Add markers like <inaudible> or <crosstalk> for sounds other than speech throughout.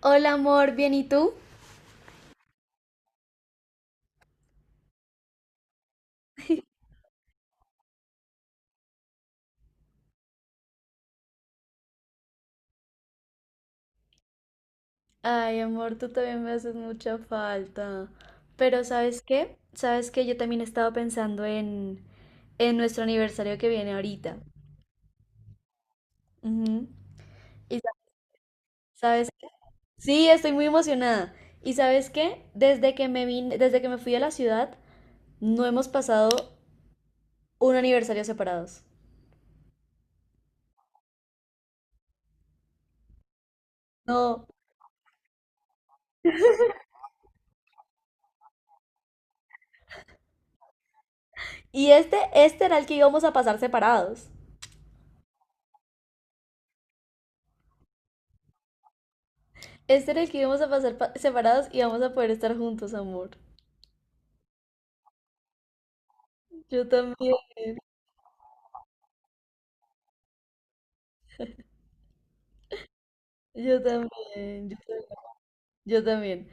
Hola amor, ¿bien y tú? Ay, amor, tú también me haces mucha falta. Pero ¿sabes qué? ¿Sabes qué? Yo también he estado pensando en nuestro aniversario que viene ahorita. Ujú. Y sa- sabes qué? Sí, estoy muy emocionada. ¿Y sabes qué? Desde que me vine, desde que me fui a la ciudad, no hemos pasado un aniversario separados. No. Y este era el que íbamos a pasar separados. Este era el que íbamos a pasar separados y vamos a poder estar juntos, amor. Yo también. Yo también, yo también. Yo también.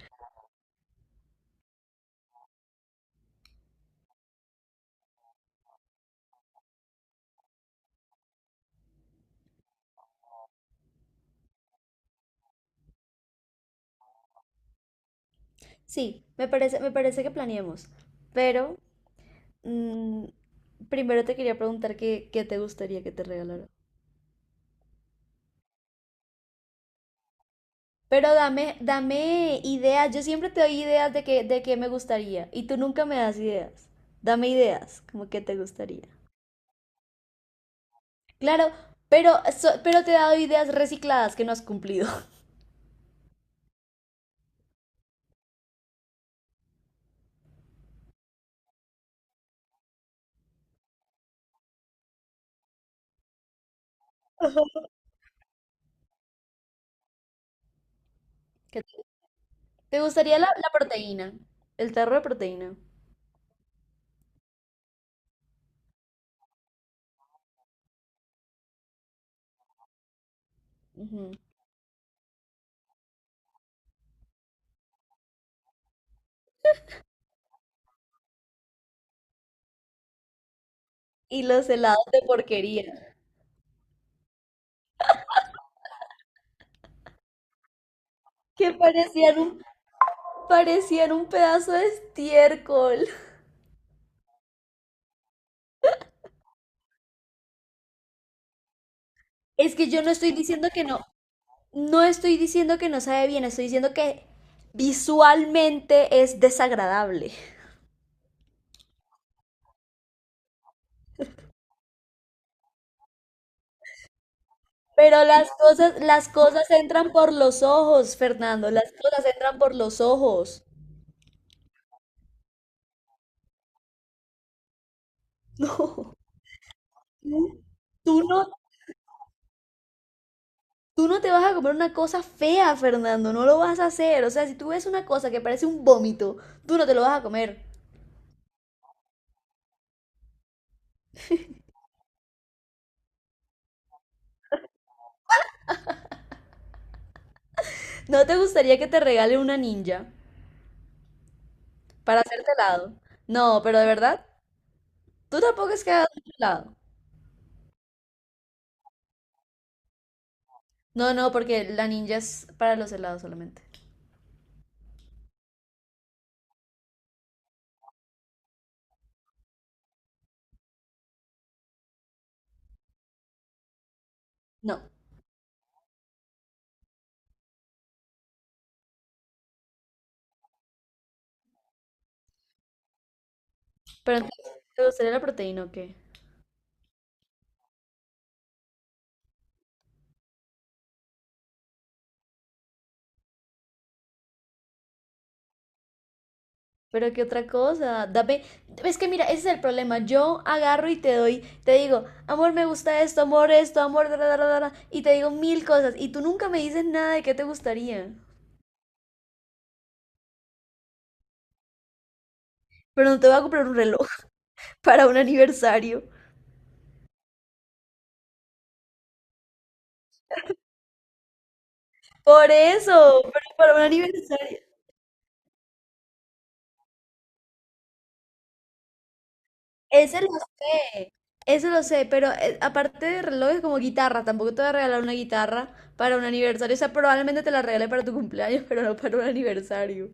Sí, me parece que planeemos, pero mm, primero te quería preguntar qué te gustaría que te regalara. Pero dame ideas, yo siempre te doy ideas de qué me gustaría y tú nunca me das ideas. Dame ideas, como que te gustaría. Claro, pero, pero te he dado ideas recicladas que no has cumplido. <laughs> ¿Qué te gustaría la, la proteína, el tarro de proteína? Ujú. <laughs> Y los helados de porquería. Que parecían un pedazo de estiércol. Es que yo no estoy diciendo que no, no estoy diciendo que no sabe bien, estoy diciendo que visualmente es desagradable. Pero las cosas entran por los ojos, Fernando, las cosas entran por los ojos. <laughs> No, tú no, tú no te vas a comer una cosa fea, Fernando, no lo vas a hacer. O sea, si tú ves una cosa que parece un vómito, tú no te lo vas a comer. ¿No te gustaría que te regalen una ninja? Para hacerte helado. No, pero de verdad, tú tampoco es que hagas mucho helado. No, no, porque la ninja es para los helados solamente. No. Pero entonces, ¿te gustaría la proteína o qué? Pero qué otra cosa, dame. Es que mira, ese es el problema. Yo agarro y te doy, te digo, amor, me gusta esto, amor, da, da, da, da, da", y te digo mil cosas, y tú nunca me dices nada de qué te gustaría. Pero no te voy a comprar un reloj <laughs> para un aniversario. Por eso, pero para un aniversario. Ese lo sé, ese lo sé, pero aparte de relojes como guitarra, tampoco te voy a regalar una guitarra para un aniversario, o sea, probablemente te la regale para tu cumpleaños, <laughs> pero no para un aniversario.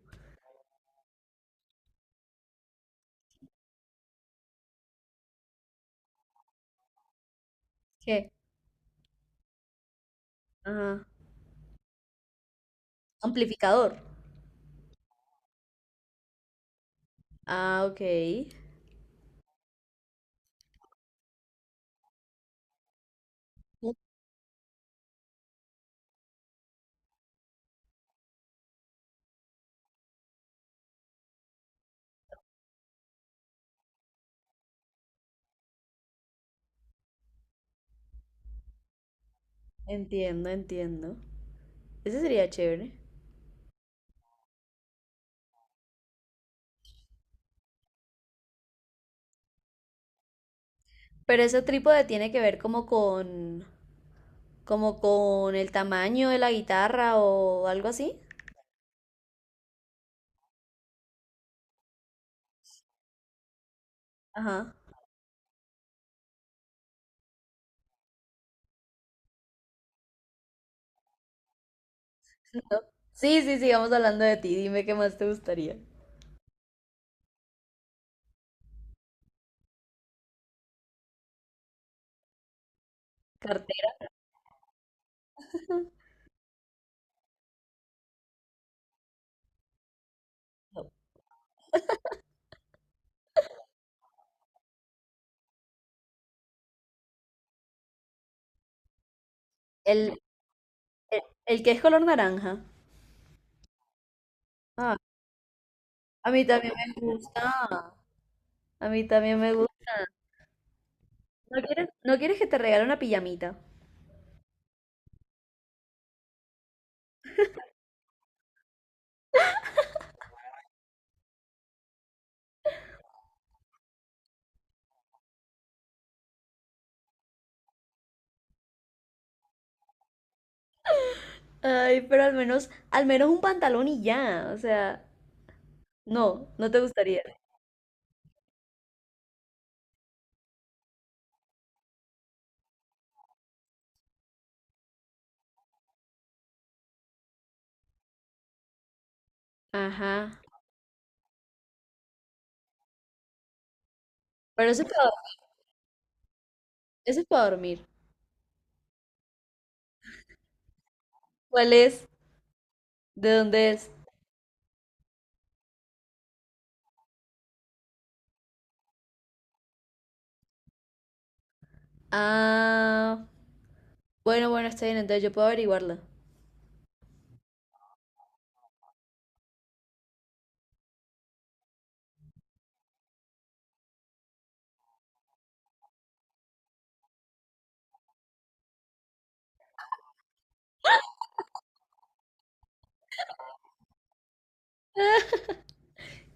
¿Qué? Ajá. Amplificador. Ah, ok. Mm. Entiendo, entiendo. Ese sería chévere. Pero ese trípode tiene que ver como con el tamaño de la guitarra o algo así. Ajá. No. Sí, sí, sigamos hablando de ti. Dime qué más te gustaría. Cartera. <laughs> El, el que es color naranja. Ah, a mí también me gusta. A mí también me gusta. ¿No quieres que te regale una pijamita? Ay, pero al menos un pantalón y ya. O sea, no, no te gustaría. Ajá. Pero ese es para dormir. ¿Cuál es? ¿De dónde es? Ah, bueno, bueno, está bien, entonces yo puedo averiguarla.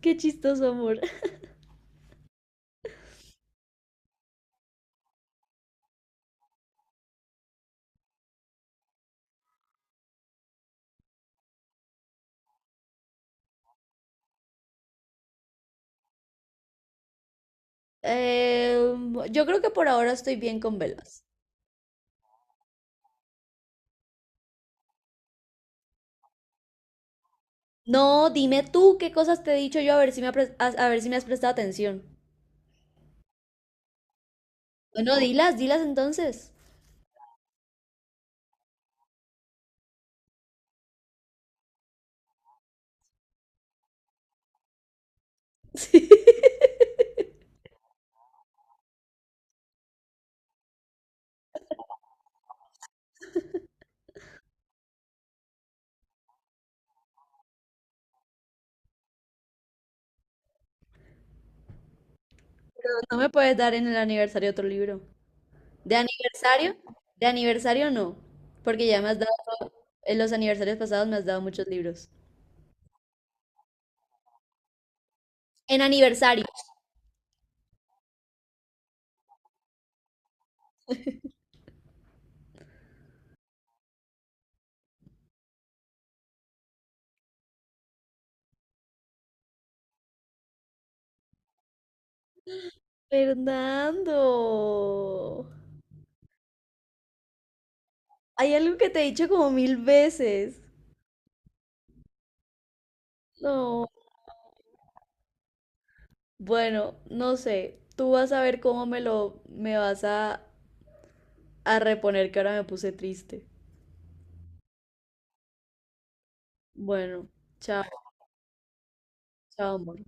Qué chistoso, amor. <laughs> Eh, yo creo que por ahora estoy bien con velas. No, dime tú qué cosas te he dicho yo a ver si a ver si me has prestado atención. Bueno, dilas, dilas entonces. <laughs> Sí. Pero no me puedes dar en el aniversario otro libro. ¿De aniversario? De aniversario no, porque ya me has dado, en los aniversarios pasados me has dado muchos libros. En aniversario. Fernando, hay algo que te he dicho como mil veces. No, bueno, no sé. Tú vas a ver cómo me lo me vas a reponer que ahora me puse triste. Bueno, chao, chao, amor.